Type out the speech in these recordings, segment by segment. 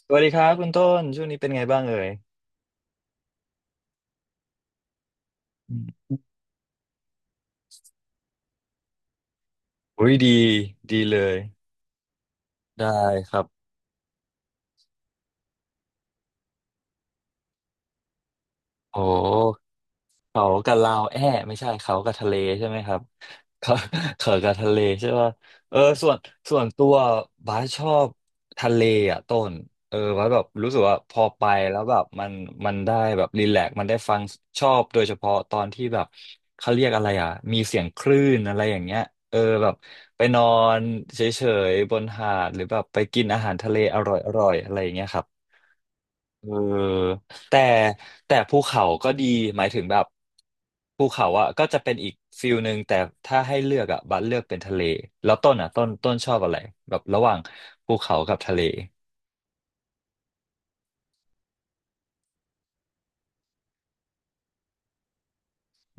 สวัสดีครับคุณต้นช่วงนี้เป็นไงบ้างเอ่ยอืมอุ้ยดีดีเลยได้ครับโอ้ เขากับลาวแอ้ไม่ใช่เขากับทะเลใช่ไหมครับเขา เขากับทะเลใช่ป่ะเออส่วนตัวบาสชอบทะเลอ่ะต้นเออบาสแบบรู้สึกว่าพอไปแล้วแบบมันได้แบบรีแลกซ์มันได้ฟังชอบโดยเฉพาะตอนที่แบบเขาเรียกอะไรอ่ะมีเสียงคลื่นอะไรอย่างเงี้ยเออแบบไปนอนเฉยๆบนหาดหรือแบบไปกินอาหารทะเลอร่อยๆอะไรอย่างเงี้ยครับเออ แต่ภูเขาก็ดีหมายถึงแบบภูเขาอ่ะก็จะเป็นอีกฟิลหนึ่งแต่ถ้าให้เลือกอ่ะบัสเลือกเป็นทะเลแล้วต้นอ่ะต้นชอบอะไรแบบระหว่างภูเขากับทะเล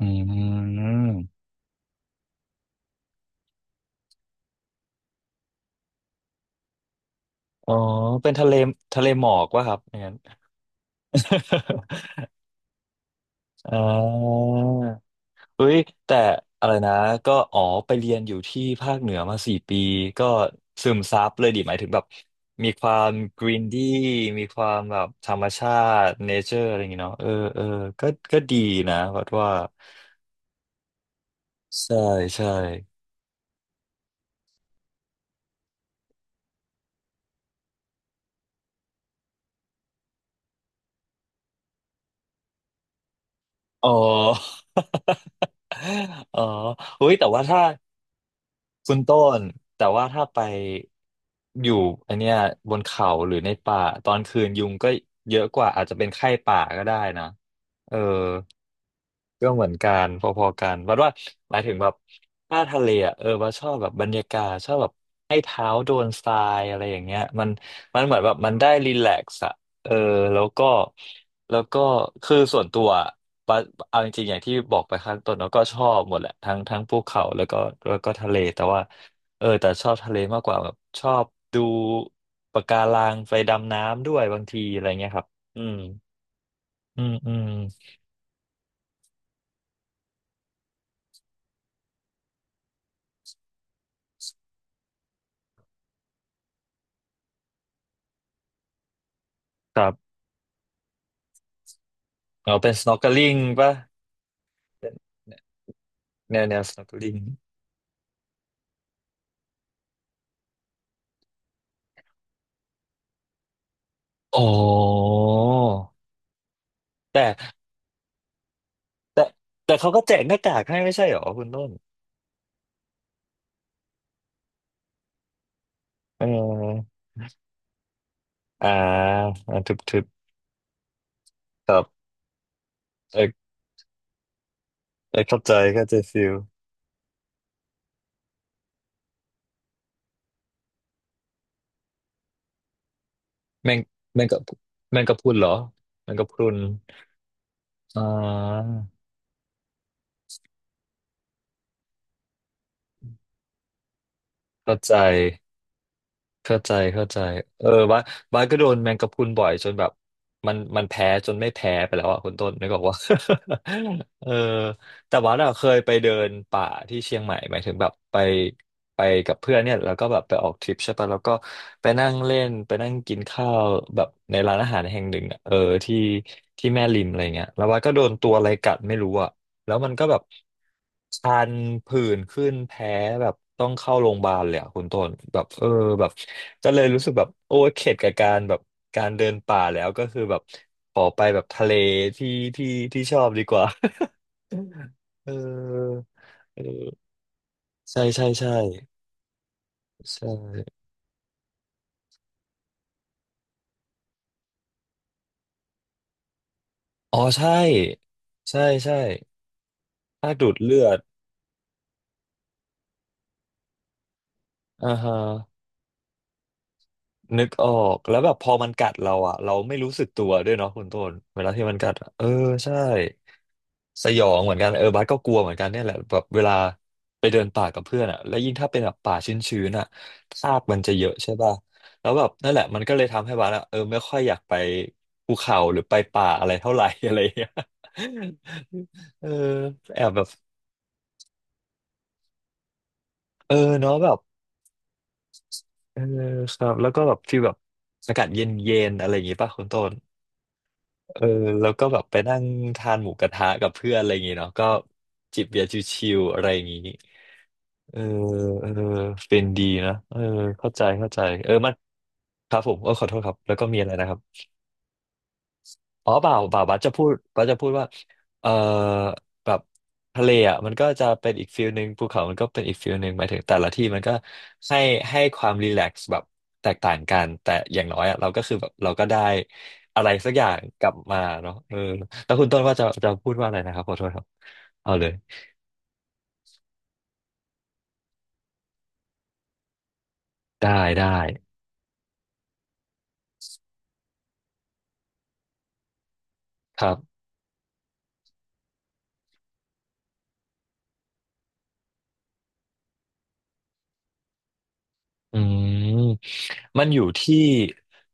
อืมอ๋อเป็นทะเลทะเลหมอกวะครับอย่างนั้น อ่า เอ้ยแต่อะไรนะก็อ๋อไปเรียนอยู่ที่ภาคเหนือมาสี่ปีก็ซึมซับเลยดิหมายถึงแบบมีความกรีนดี้มีความแบบธรรมชาติเนเจอร์อะไรอย่างเงี้ยเนาะเออเออก็ดีนะวัดว่าใช่ใช่อ๋อ อ๋อเฮ้ยแต่ว่าถ้าคุณต้นแต่ว่าถ้าไปอยู่อันเนี้ยบนเขาหรือในป่าตอนคืนยุงก็เยอะกว่าอาจจะเป็นไข้ป่าก็ได้นะเออ ก็เหมือนกันพอๆกันบัดว่าหมายถึงแบบถ้าทะเลอ่ะเออบัาชอบแบบบรรยากาศชอบแบบให้เท้าโดนทรายอะไรอย่างเงี้ยมันเหมือนแบบมันได้รีแลกซ์อ่ะเออแล้วก็แล้วก็คือส่วนตัวอะบัดเอาจริงๆอย่างที่บอกไปข้างต้นเราก็ชอบหมดแหละทั้งภูเขาแล้วก็ทะเลแต่ว่าเออแต่ชอบทะเลมากกว่าแบบชอบดูปะการังไปดำน้ำด้วยบางทีอะไรเงี้ยครับอืมอืมอืมครับเอาเป็น snorkeling ป่ะ แนวsnorkeling อ๋อแต่แต่เขาก็แจกหน้ากากให้ไม่ใช่เหรอคุณต้นเอออ่าอ่าทึบครับเออเออเข้าใจเข้าใจฟิลแมงแมงกะนแมงกะพรุนเหรอแมงกะพรุนอ่าเข้าใจ เข้าใจเออบ้าสก็โดนแมงกะพรุนบ่อยจนแบบมันแพ้จนไม่แพ้ไปแล้วอ่ะคุณต้นนึกออกว่า เออแต่ว่าเราเคยไปเดินป่าที่เชียงใหม่หมายถึงแบบไปไปกับเพื่อนเนี่ยแล้วก็แบบไปออกทริปใช่ปะแล้วก็ไปนั่งเล่นไปนั่งกินข้าวแบบในร้านอาหารแห่งหนึ่งอะเออที่แม่ริมอะไรเงี้ยแล้วว่าสก็โดนตัวอะไรกัดไม่รู้อ่ะ แล้วมันก็แบบคันผื่นขึ้นแพ้แบบต้องเข้าโรงพยาบาลเลยอะคุณต้นแบบเออแบบก็เลยรู้สึกแบบโอ้เข็ดกับการแบบการเดินป่าแล้วก็คือแบบขอไปแบบทะเลที่ที่ชอบดีกว่า เออเออใช่ใช่ใช่ใช่อ๋อใช่ใช่ใช่ถ้าดูดเลือดอ่าฮะ นึกออกแล้วแบบพอมันกัดเราอ่ะเราไม่รู้สึกตัวด้วยเนาะคุณต้นเวลาที่มันกัดอะเออใช่สยองเหมือนกันเออบาสก็กลัวเหมือนกันเนี่ยแหละแบบเวลาไปเดินป่ากับเพื่อนอ่ะแล้วยิ่งถ้าเป็นแบบป่าชื้นๆอ่ะทรากมันจะเยอะใช่ป่ะแล้วแบบนั่นแหละมันก็เลยทำให้บาสอ่ะเออไม่ค่อยอยากไปภูเขาหรือไปป่าอะไรเท่าไหร่ อะไรอย่างเงี้ยเออแอบแบบเออเนาะแบบเออครับแล้วก็แบบฟีลแบบอากาศเย็นๆอะไรอย่างงี้ป่ะคุณต้น เออแล้วก็แบบไปนั่งทานหมูกระทะกับเพื่อนอะไรอย่างงี้เนาะก็จิบเบียร์ชิวๆอะไรอย่างงี้เออเออเป็นดีนะเออเข้าใจเออมันครับผมเออขอโทษครับแล้วก็มีอะไรนะครับ อ๋อเปล่าบัสจะพูดว่าเออแบบทะเลอ่ะมันก็จะเป็นอีกฟิลหนึ่งภูเขามันก็เป็นอีกฟิลหนึ่งหมายถึงแต่ละที่มันก็ให้ความรีแลกซ์แบบแตกต่างกันแต่อย่างน้อยอ่ะเราก็คือแบบเราก็ได้อะไรสักอย่างกลับมาเนาะเออแล้วคุณต้นว่าจะพูดว่าอะไรนะครับขอโทษครับเอาเลยได้ครับอืม มันอยู่ที่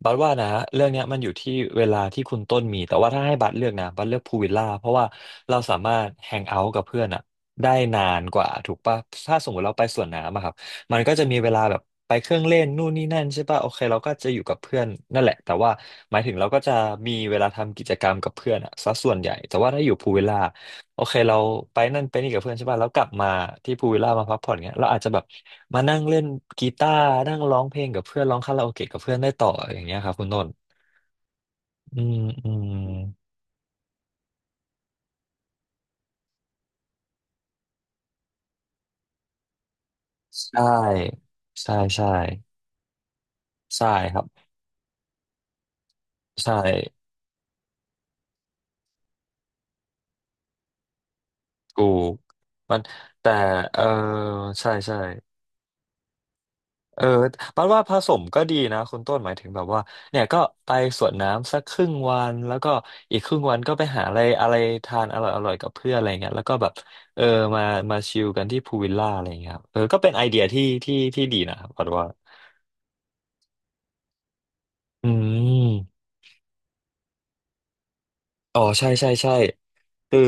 บัสว่านะเรื่องเนี้ยมันอยู่ที่เวลาที่คุณต้นมีแต่ว่าถ้าให้บัสเลือกนะบัสเลือกพูลวิลล่าเพราะว่าเราสามารถแฮงเอาท์กับเพื่อนอะได้นานกว่าถูกปะถ้าสมมติเราไปสวนน้ำอะครับมันก็จะมีเวลาแบบไปเครื่องเล่นนู่นนี่นั่นใช่ปะโอเคเราก็จะอยู่กับเพื่อนนั่นแหละแต่ว่าหมายถึงเราก็จะมีเวลาทำกิจกรรมกับเพื่อนอะซะส่วนใหญ่แต่ว่าถ้าอยู่พูลวิลล่า โอเคเราไปนั่นไปนี่กับเพื่อนใช่ป่ะแล้วกลับมาที่พูลวิลล่ามาพักผ่อนเงี้ยเราอาจจะแบบมานั่งเล่นกีตาร์นั่งร้องเพลงกับเพื่อนร้องคาราโอเกะกับเพื่อนได้ต่ออย่างเงี้ยครับคุณต้นอืมอืมใช่ใช่ใช่ใช่ครับใช่ถูกมันแต่เออใช่ใช่ เออปัดว่าผสมก็ดีนะคุณต้นหมายถึงแบบว่าเนี่ยก็ไปสวนน้ำสักครึ่งวันแล้วก็อีกครึ่งวันก็ไปหาอะไรอะไรทานอร่อยอร่อยกับเพื่อนอะไรเงี้ยแล้วก็แบบเออมามาชิลกันที่พูลวิลล่าอะไรเงี้ยครับเออก็เป็นไอเดียที่ดีนะครับปัดว่าอืมอ๋อใช่ใช่ใช่คือ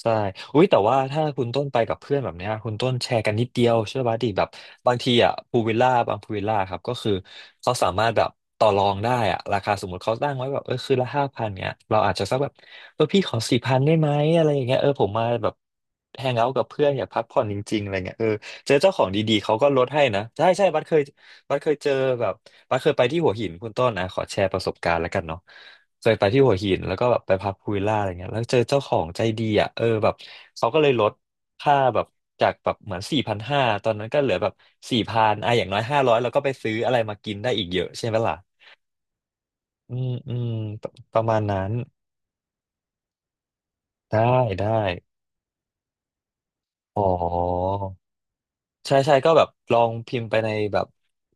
ใช่อุ้ยแต่ว่าถ้าคุณต้นไปกับเพื่อนแบบเนี้ยคุณต้นแชร์กันนิดเดียวเชื่อป่ะดิแบบบางทีอ่ะพูวิลล่าบางพูวิลล่าครับ ก็คือเขาสามารถแบบต่อรองได้อ่ะราคาสมมติเขาตั้งไว้แบบเออคืนละ5,000เนี้ยเราอาจจะสักแบบเออพี่ขอสี่พันได้ไหมอะไรอย่างเงี้ยเออผมมาแบบแฮงเอาท์กับเพื่อนอยากพักผ่อนจริงๆอะไรเงี้ยเออเจอเจ้าของดีๆเขาก็ลดให้นะใช่ใช่บัสเคยเจอแบบบัสเคยไปที่หัวหินคุณต้นนะขอแชร์ประสบการณ์แล้วกันเนาะ จะไปที่หัวหินแล้วก็แบบไปพักพูวิลล่าอะไรเงี้ยแล้วเจอเจ้าของใจดีอ่ะเออแบบเขาก็เลยลดค่าแบบจากแบบเหมือน4,500ตอนนั้นก็เหลือแบบสี่พันอ่ะอย่างน้อย500แล้วก็ไปซื้ออะไรมากินได้อีกเยอะใช่ไหมล่ะอืมอืมปประมาณนั้นได้ได้อ๋อ ใช่ใช่ก็แบบลองพิมพ์ไปในแบบ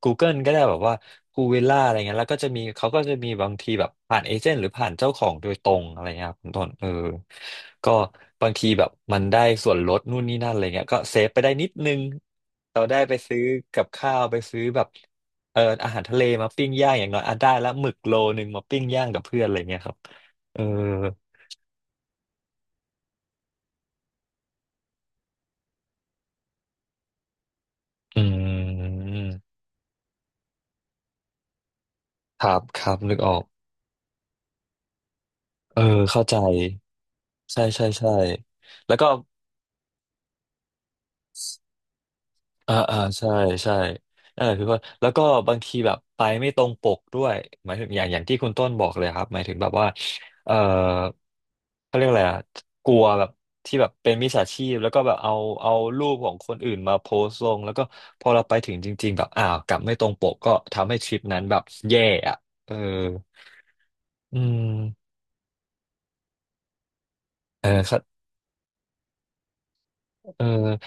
Google ก็ได้แบบว่าพูวิลล่าอะไรเงี้ยแล้วก็จะมีเขาก็จะมีบางทีแบบผ่านเอเจนต์หรือผ่านเจ้าของโดยตรงอะไรเงี้ยครับคุณต้นเออก็บางทีแบบมันได้ส่วนลดนู่นนี่นั่นอะไรเงี้ยก็เซฟไปได้นิดนึงเราได้ไปซื้อกับข้าวไปซื้อแบบเอออาหารทะเลมาปิ้งย่างอย่างน้อยอ่ะได้แล้วหมึกโลนึงมาปิ้งย่างกับเพื่อนอะไรเงี้ยครับเอออืมครับครับนึกออกเออเข้าใจใช่ใช่ใช่แล้วก็ อ่าอ่าใช่ใช่นั่นแหละพี่ว่าแล้วก็บางทีแบบไปไม่ตรงปกด้วยหมายถึงอย่างที่คุณต้นบอกเลยครับหมายถึงแบบว่าเออเขาเรียกอะไรอะกลัวแบบที่แบบเป็นมิจฉาชีพแล้วก็แบบเอารูปของคนอื่นมาโพสต์ลงแล้วก็พอเราไปถึงจริงๆแบบอ้าวกลับไม่ตรงปกก็ทำให้ทริปนั้นแบบแย่อะเอออืมเออ เออ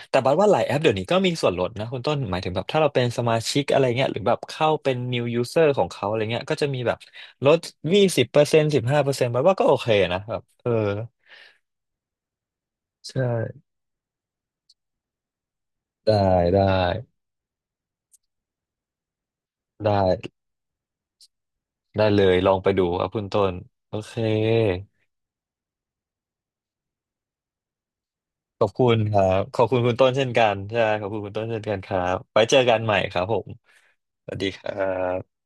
แต่บัดว่าหลายแอปเดี๋ยวนี้ก็มีส่วนลดนะคุณต้นหมายถึงแบบถ้าเราเป็นสมาชิกอะไรเงี้ยหรือแบบเข้าเป็น new user ของเขาอะไรเงี้ยก็จะมีแบบลด20%15%บัดว่าก็โอเคนะแบบเออใช่ได้ได้ได้ได้เลยลองไปดูครับคุณต้นโอเคขอบคุณครับขอบคุณคุณต้นเช่นกันใช่ขอบคุณคุณต้นเช่นกันครับไว้เจอกันใหม่ครับผมสวัสดีครับ